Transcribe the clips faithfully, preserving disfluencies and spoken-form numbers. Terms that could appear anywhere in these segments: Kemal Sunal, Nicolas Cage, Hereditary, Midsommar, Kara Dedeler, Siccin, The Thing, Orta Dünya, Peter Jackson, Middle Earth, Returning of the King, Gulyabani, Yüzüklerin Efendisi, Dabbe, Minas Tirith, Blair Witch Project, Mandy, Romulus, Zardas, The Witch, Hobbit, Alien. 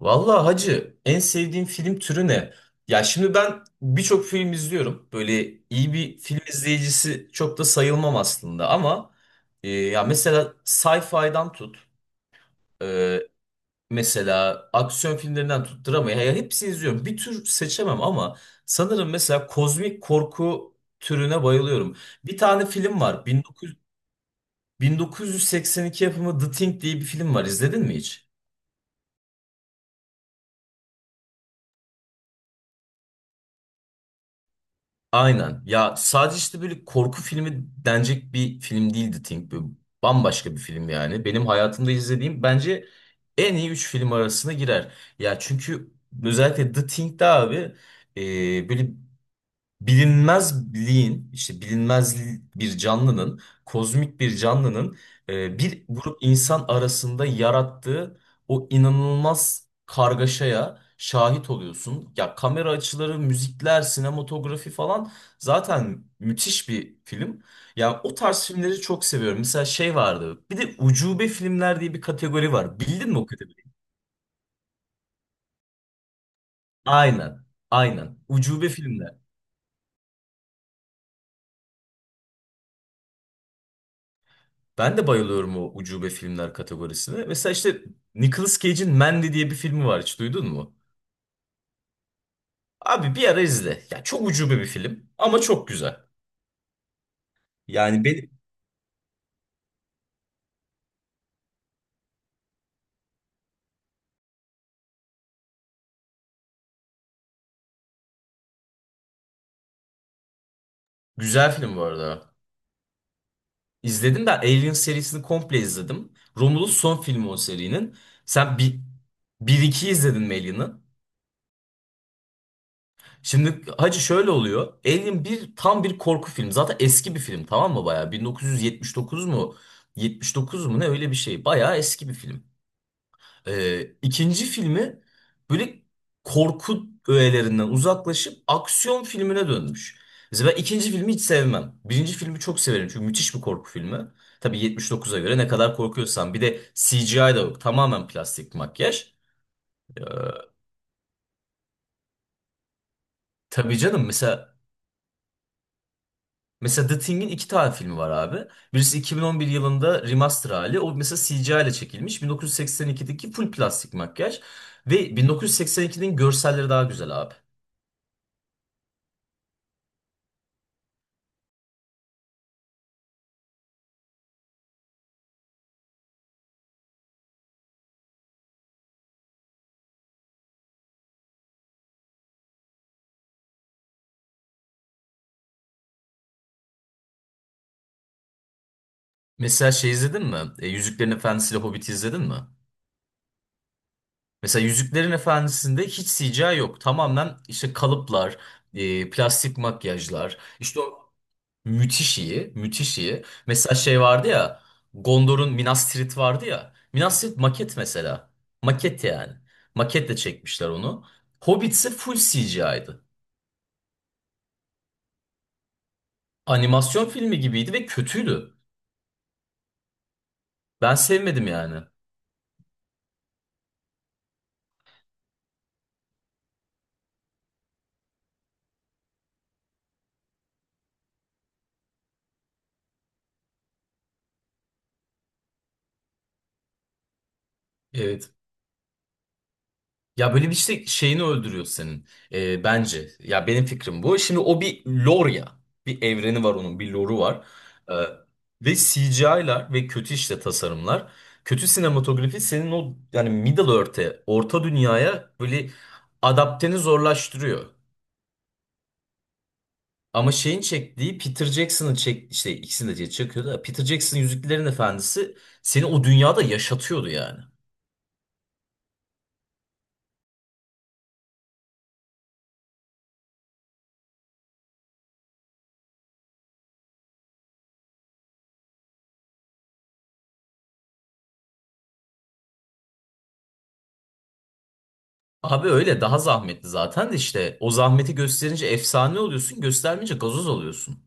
Vallahi hacı en sevdiğin film türü ne? Ya şimdi ben birçok film izliyorum. Böyle iyi bir film izleyicisi çok da sayılmam aslında ama e, ya mesela sci-fi'dan tut, e, mesela aksiyon filmlerinden tut, drama ya hepsini izliyorum. Bir tür seçemem ama sanırım mesela kozmik korku türüne bayılıyorum. Bir tane film var. bin dokuz yüz bin dokuz yüz seksen iki yapımı The Thing diye bir film var. İzledin mi hiç? Aynen. Ya sadece işte böyle korku filmi denecek bir film değildi Think. Böyle bambaşka bir film yani. Benim hayatımda izlediğim bence en iyi üç film arasına girer. Ya çünkü özellikle The Thing'de abi, e, böyle bilinmezliğin işte bilinmez bir canlının, kozmik bir canlının e, bir grup insan arasında yarattığı o inanılmaz kargaşaya şahit oluyorsun. Ya kamera açıları, müzikler, sinematografi falan zaten müthiş bir film. Yani o tarz filmleri çok seviyorum. Mesela şey vardı. Bir de ucube filmler diye bir kategori var. Bildin mi o kategoriyi? Aynen. Aynen. Ucube filmler. Ben de bayılıyorum o ucube filmler kategorisine. Mesela işte Nicolas Cage'in Mandy diye bir filmi var, hiç duydun mu? Abi bir ara izle. Ya çok ucube bir film ama çok güzel. Yani benim güzel film bu arada. İzledim de Alien serisini komple izledim. Romulus son filmi o serinin. Sen bir, bir iki izledin mi Alien'ı? Şimdi hacı şöyle oluyor. Alien bir tam bir korku filmi. Zaten eski bir film, tamam mı, bayağı? bin dokuz yüz yetmiş dokuz mu? yetmiş dokuz mu, ne öyle bir şey. Bayağı eski bir film. Ee, ikinci filmi böyle korku öğelerinden uzaklaşıp aksiyon filmine dönmüş. Mesela ben ikinci filmi hiç sevmem. Birinci filmi çok severim çünkü müthiş bir korku filmi. Tabii yetmiş dokuza göre ne kadar korkuyorsan. Bir de C G I da yok. Tamamen plastik makyaj. Tabii canım, mesela mesela The Thing'in iki tane filmi var abi. Birisi iki bin on bir yılında remaster hali. O mesela C G I ile çekilmiş. bin dokuz yüz seksen ikideki full plastik makyaj. Ve bin dokuz yüz seksen ikinin görselleri daha güzel abi. Mesela şey izledin mi? E, Yüzüklerin Efendisi ile Hobbit'i izledin mi? Mesela Yüzüklerin Efendisi'nde hiç C G I yok. Tamamen işte kalıplar, e, plastik makyajlar. İşte o müthiş iyi, müthiş iyi. Mesela şey vardı ya, Gondor'un Minas Tirith vardı ya. Minas Tirith maket mesela. Maket yani. Maketle çekmişler onu. Hobbit ise full C G I'ydı. Animasyon filmi gibiydi ve kötüydü. Ben sevmedim yani. Evet. Ya böyle bir işte şeyini öldürüyor senin, e, bence. Ya benim fikrim bu. Şimdi o bir lore ya. Bir evreni var onun, bir lore'u var. E, ve C G I'lar ve kötü işte tasarımlar. Kötü sinematografi senin o yani Middle Earth'e, Orta Dünya'ya böyle adapteni zorlaştırıyor. Ama şeyin çektiği Peter Jackson'ın çek işte ikisini de çekiyor da, Peter Jackson Yüzüklerin Efendisi seni o dünyada yaşatıyordu yani. Abi öyle daha zahmetli zaten de, işte o zahmeti gösterince efsane oluyorsun, göstermeyince gazoz oluyorsun.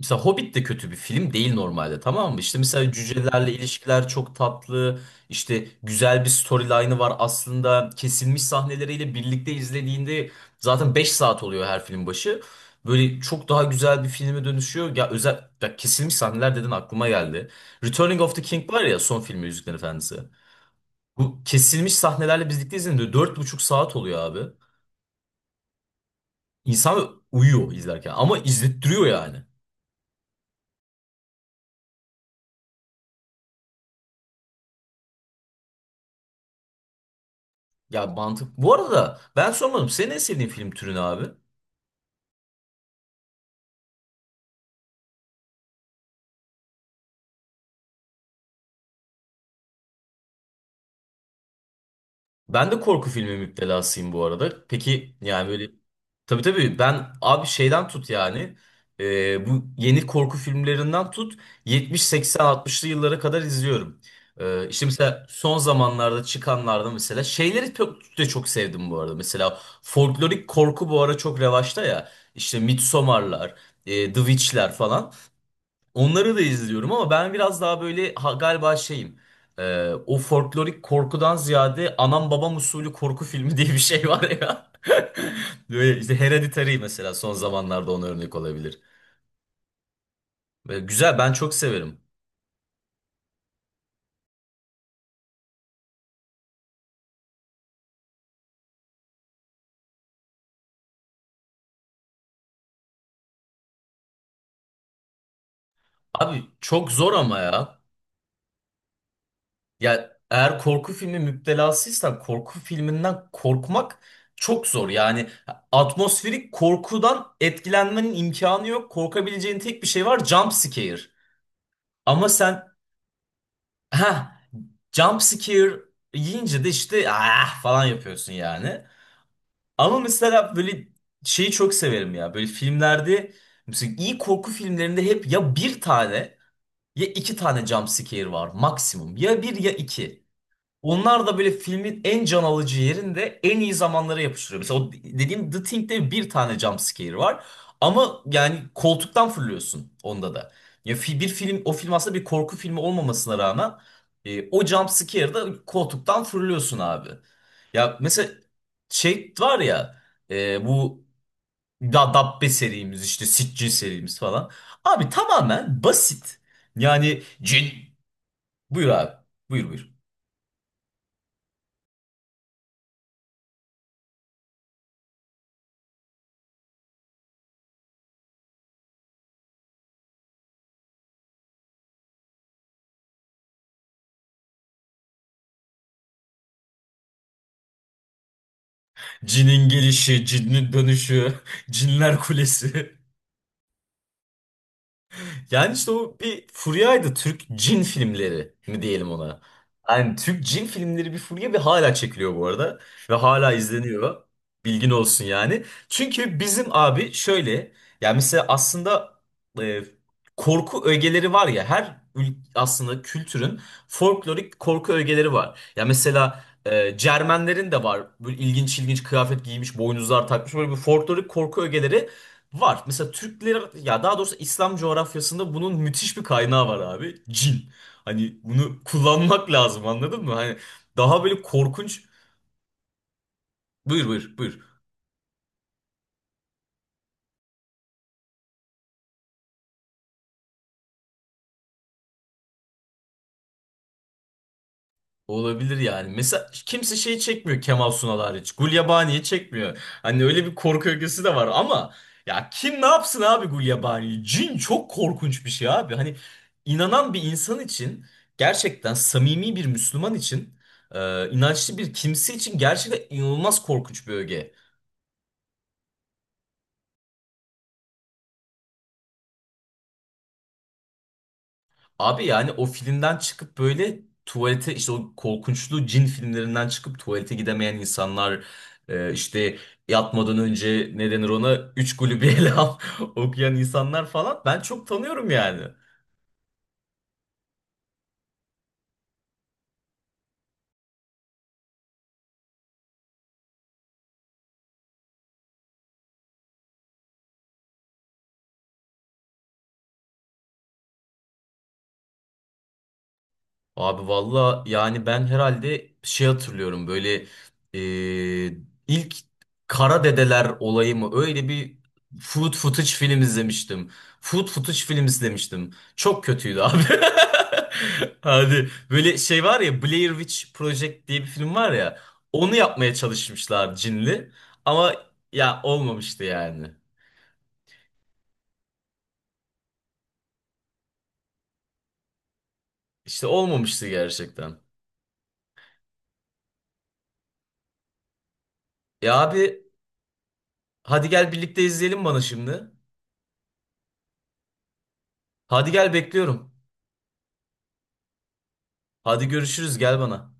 Mesela Hobbit de kötü bir film değil normalde, tamam mı? İşte mesela cücelerle ilişkiler çok tatlı, işte güzel bir storyline'ı var aslında, kesilmiş sahneleriyle birlikte izlediğinde zaten beş saat oluyor her film başı. Böyle çok daha güzel bir filme dönüşüyor. Ya özel ya kesilmiş sahneler dedin, aklıma geldi. Returning of the King var ya, son filmi Yüzüklerin Efendisi. Bu kesilmiş sahnelerle birlikte izlediğinde dört buçuk saat oluyor abi. İnsan uyuyor izlerken ama izlettiriyor yani. Ya mantık. Bu arada ben sormadım. Senin en sevdiğin film türü ne abi? Ben de korku filmi müptelasıyım bu arada. Peki yani böyle, tabii tabii, ben abi şeyden tut yani, e, bu yeni korku filmlerinden tut yetmiş seksen altmışlı yıllara kadar izliyorum. E, işte mesela son zamanlarda çıkanlarda mesela şeyleri çok, de çok sevdim bu arada. Mesela folklorik korku bu ara çok revaçta ya. İşte Midsommar'lar, e, The Witch'ler falan. Onları da izliyorum ama ben biraz daha böyle ha- galiba şeyim. Ee, o folklorik korkudan ziyade anam babam usulü korku filmi diye bir şey var ya. Böyle işte Hereditary mesela son zamanlarda ona örnek olabilir. Ve güzel, ben çok severim. Abi çok zor ama ya. Ya eğer korku filmi müptelasıysan korku filminden korkmak çok zor. Yani atmosferik korkudan etkilenmenin imkanı yok. Korkabileceğin tek bir şey var, jump scare. Ama sen ha. jump scare yiyince de işte ah falan yapıyorsun yani. Ama mesela böyle şeyi çok severim ya. Böyle filmlerde, mesela iyi korku filmlerinde, hep ya bir tane ya iki tane jump scare var maksimum. Ya bir ya iki. Onlar da böyle filmin en can alıcı yerinde en iyi zamanlara yapıştırıyor. Mesela o dediğim The Thing'de bir tane jump scare var. Ama yani koltuktan fırlıyorsun onda da. Ya fi- bir film, o film aslında bir korku filmi olmamasına rağmen, e, o jump scare'da koltuktan fırlıyorsun abi. Ya mesela şey var ya, e, bu da Dabbe serimiz, işte Siccin serimiz falan. Abi tamamen basit. Yani cin, buyur abi, buyur buyur. Cinin gelişi, cinin dönüşü, cinler kulesi. Yani işte o bir furyaydı. Türk cin filmleri mi diyelim ona. Yani Türk cin filmleri bir furya ve hala çekiliyor bu arada. Ve hala izleniyor. Bilgin olsun yani. Çünkü bizim abi şöyle. Yani mesela aslında e, korku ögeleri var ya. Her ül- aslında kültürün folklorik korku ögeleri var. Ya mesela e, Cermenlerin de var. Böyle ilginç ilginç kıyafet giymiş, boynuzlar takmış. Böyle bir folklorik korku ögeleri var. Mesela Türkler, ya daha doğrusu İslam coğrafyasında bunun müthiş bir kaynağı var abi. Cin. Hani bunu kullanmak lazım, anladın mı? Hani daha böyle korkunç. Buyur buyur buyur. Olabilir yani. Mesela kimse şey çekmiyor, Kemal Sunal hariç. Gulyabani'yi çekmiyor. Hani öyle bir korku ögesi de var ama ya kim ne yapsın abi Gulyabani'yi? Cin çok korkunç bir şey abi. Hani inanan bir insan için, gerçekten samimi bir Müslüman için, e, inançlı bir kimse için gerçekten inanılmaz korkunç bir öge. Abi yani o filmden çıkıp böyle tuvalete, işte o korkunçlu cin filmlerinden çıkıp tuvalete gidemeyen insanlar, e, işte yatmadan önce ne denir ona, üç kulübü ele al okuyan insanlar falan ben çok tanıyorum yani. Abi valla yani ben herhalde şey hatırlıyorum, böyle e, ilk Kara Dedeler olayı mı, öyle bir food footage film izlemiştim. Food footage film izlemiştim. Çok kötüydü abi. Hadi böyle şey var ya, Blair Witch Project diye bir film var ya, onu yapmaya çalışmışlar cinli ama ya olmamıştı yani. İşte olmamıştı gerçekten. Ya abi hadi gel birlikte izleyelim bana şimdi. Hadi gel bekliyorum. Hadi görüşürüz, gel bana.